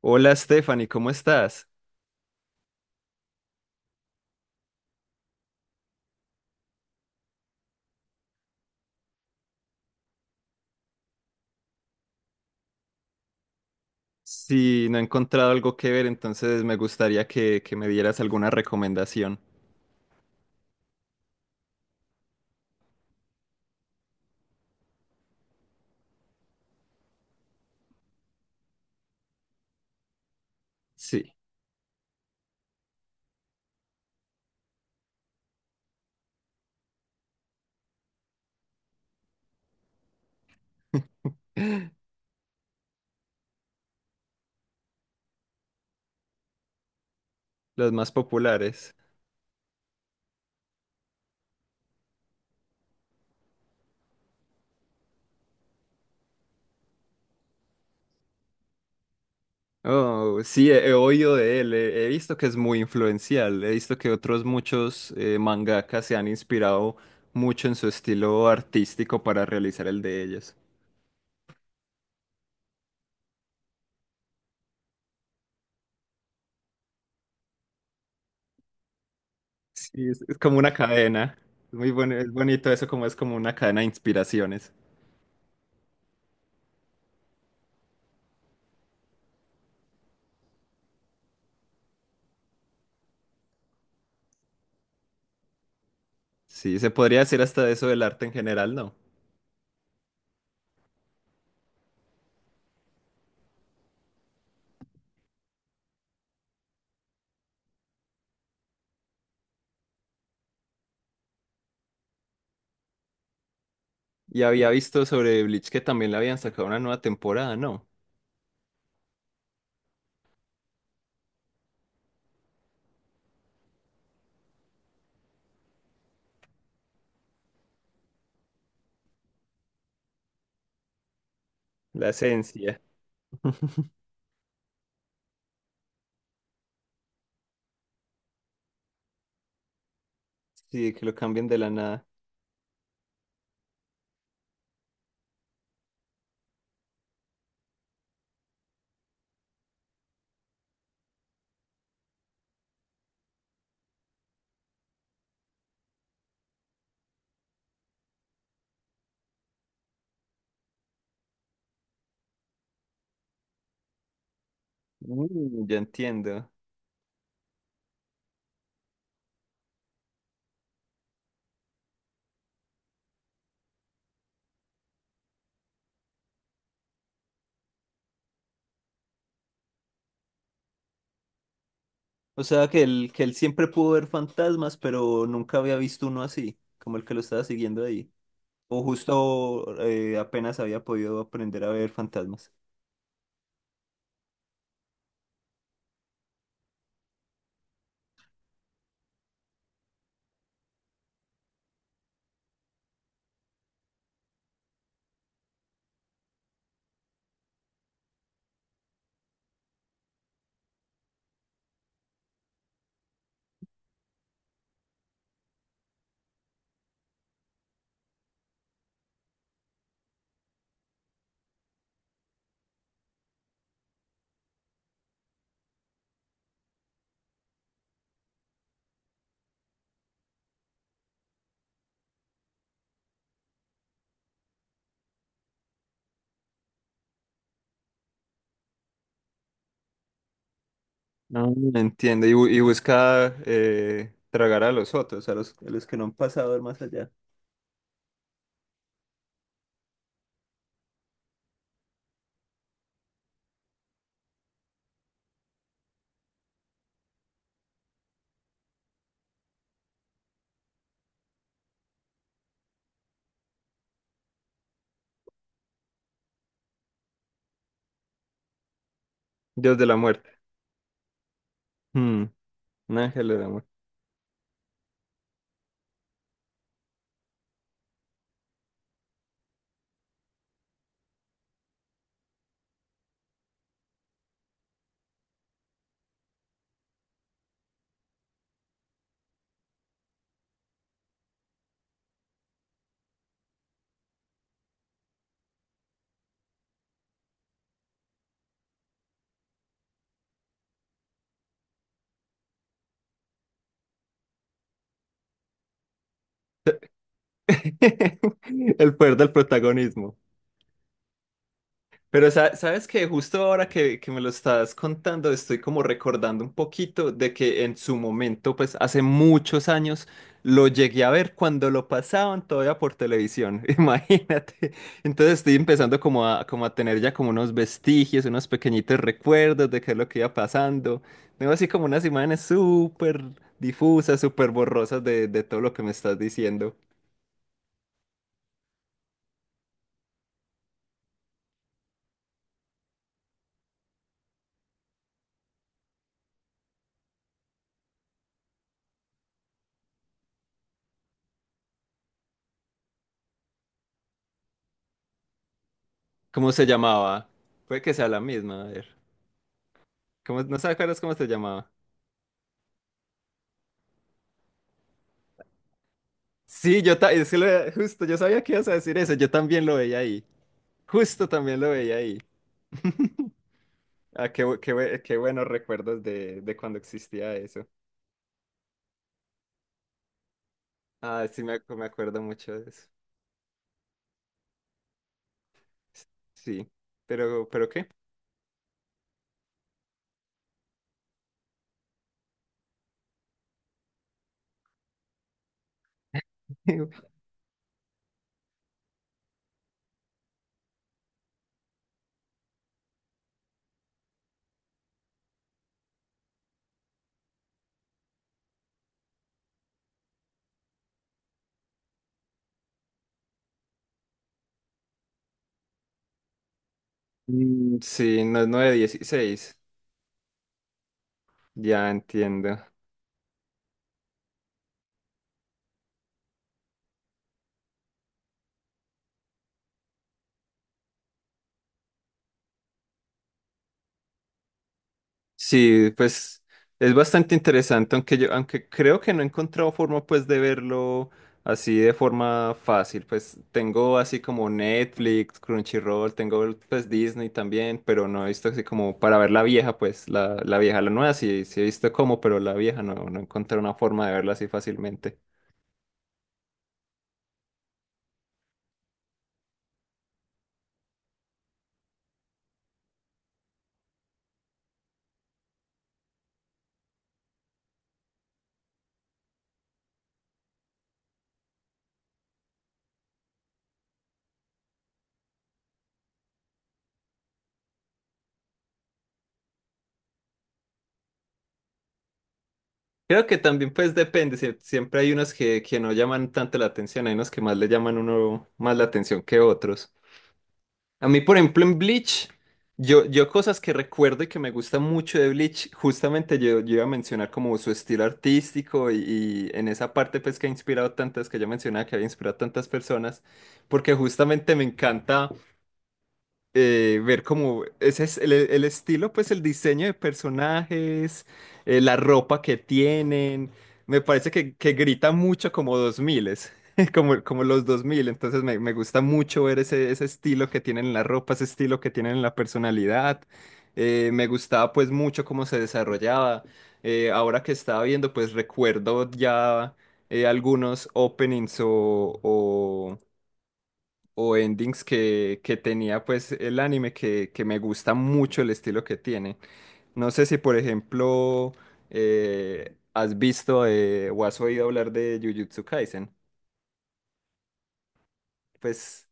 Hola Stephanie, ¿cómo estás? Si no he encontrado algo que ver, entonces me gustaría que me dieras alguna recomendación. Sí, los más populares. Oh, sí, he oído de él, he visto que es muy influencial, he visto que otros muchos mangakas se han inspirado mucho en su estilo artístico para realizar el de ellos. Sí, es como una cadena. Es muy bueno, es bonito eso, como es como una cadena de inspiraciones. Sí, se podría decir hasta de eso del arte en general, ¿no? Y había visto sobre Bleach que también le habían sacado una nueva temporada, ¿no? La esencia. Sí, que lo cambien de la nada. Mm, ya entiendo. O sea, que él siempre pudo ver fantasmas, pero nunca había visto uno así, como el que lo estaba siguiendo ahí. O justo apenas había podido aprender a ver fantasmas. No. Entiendo y y busca tragar a los otros, a los que no han pasado al más allá. Dios de la muerte. Mm, un ángel de la muerte. El poder del protagonismo. Pero sabes que justo ahora que me lo estás contando, estoy como recordando un poquito de que en su momento, pues hace muchos años, lo llegué a ver cuando lo pasaban todavía por televisión, imagínate. Entonces estoy empezando como a, como a tener ya como unos vestigios, unos pequeñitos recuerdos de qué es lo que iba pasando. Tengo así como unas imágenes súper difusas, súper borrosas de todo lo que me estás diciendo. ¿Cómo se llamaba? Puede que sea la misma, a ver. ¿Cómo, no sabes cuál es cómo se llamaba? Sí, yo es que justo, yo sabía que ibas a decir eso, yo también lo veía ahí. Justo también lo veía ahí. Ah, qué, qué buenos recuerdos de cuando existía eso. Ah, sí, me acuerdo mucho de eso. S- Sí, ¿pero qué? Mm, sí, no es 9:16. Ya entiendo. Sí, pues es bastante interesante, aunque yo, aunque creo que no he encontrado forma pues de verlo así de forma fácil. Pues tengo así como Netflix, Crunchyroll, tengo pues Disney también, pero no he visto así como para ver la vieja, pues la vieja, la nueva sí, sí he visto cómo, pero la vieja no, no encontré una forma de verla así fácilmente. Creo que también pues depende, siempre hay unos que no llaman tanto la atención, hay unos que más le llaman uno más la atención que otros. A mí, por ejemplo, en Bleach, yo cosas que recuerdo y que me gusta mucho de Bleach, justamente yo iba a mencionar como su estilo artístico y en esa parte pues que ha inspirado tantas, que yo mencionaba que había inspirado tantas personas, porque justamente me encanta ver cómo ese es el estilo, pues el diseño de personajes, la ropa que tienen, me parece que grita mucho como 2000, como, como los dos mil. Entonces me gusta mucho ver ese estilo que tienen en la ropa, ese estilo que tienen en la personalidad. Me gustaba pues mucho cómo se desarrollaba. Ahora que estaba viendo pues recuerdo ya algunos openings o endings que tenía pues el anime, que me gusta mucho el estilo que tiene. No sé si por ejemplo has visto, o has oído hablar de Jujutsu Kaisen. Pues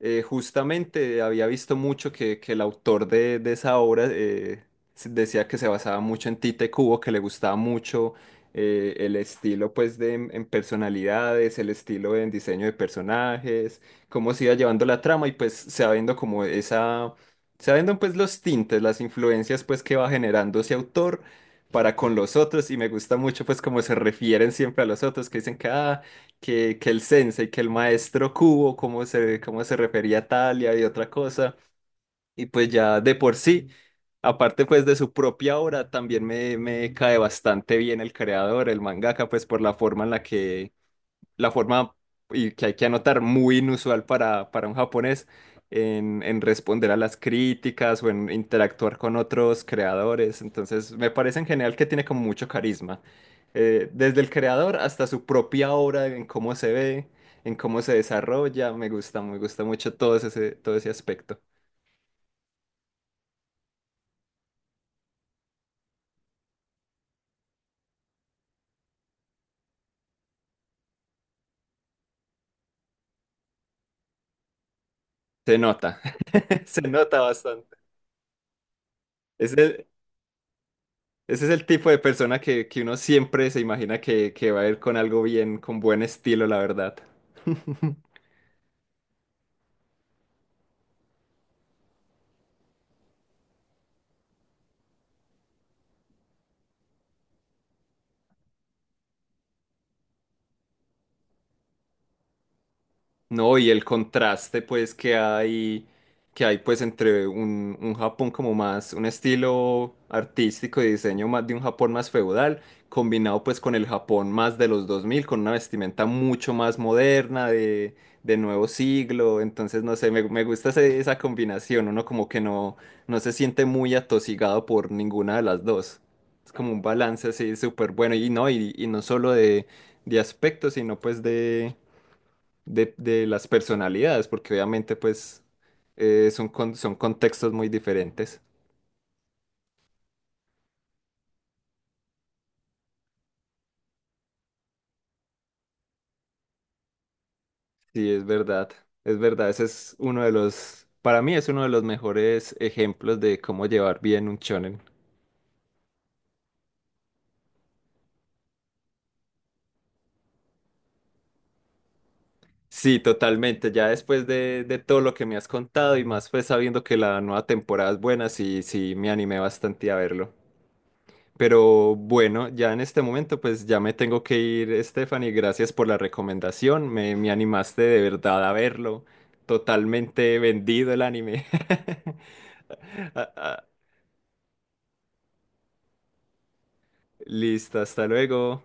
justamente había visto mucho que el autor de esa obra decía que se basaba mucho en Tite Kubo, que le gustaba mucho el estilo pues de, en personalidades, el estilo en diseño de personajes, cómo se iba llevando la trama, y pues sabiendo como esa, sabiendo pues los tintes, las influencias pues que va generando ese autor para con los otros. Y me gusta mucho pues cómo se refieren siempre a los otros, que dicen que ah, que el sensei, que el maestro Kubo, cómo se refería a Talia y otra cosa. Y pues ya de por sí, aparte pues de su propia obra, también me cae bastante bien el creador, el mangaka, pues por la forma en la que, la forma, y que hay que anotar muy inusual para un japonés en responder a las críticas o en interactuar con otros creadores. Entonces me parece en general que tiene como mucho carisma, desde el creador hasta su propia obra, en cómo se ve, en cómo se desarrolla. Me gusta mucho todo ese aspecto. Se nota, se nota bastante. Ese, ese es el tipo de persona que uno siempre se imagina que va a ir con algo bien, con buen estilo, la verdad. No, y el contraste pues que hay pues entre un Japón como más, un estilo artístico y diseño más de un Japón más feudal, combinado pues con el Japón más de los 2000, con una vestimenta mucho más moderna, de nuevo siglo, entonces no sé, me gusta esa combinación, uno como que no, no se siente muy atosigado por ninguna de las dos. Es como un balance así súper bueno, y no solo de aspecto, sino pues de las personalidades, porque obviamente pues son, son contextos muy diferentes. Sí, es verdad, ese es uno de los, para mí es uno de los mejores ejemplos de cómo llevar bien un shonen. Sí, totalmente, ya después de todo lo que me has contado, y más pues sabiendo que la nueva temporada es buena, sí, sí me animé bastante a verlo. Pero bueno, ya en este momento pues ya me tengo que ir, Stephanie. Gracias por la recomendación. Me animaste de verdad a verlo. Totalmente vendido el anime. Ah, ah, listo, hasta luego.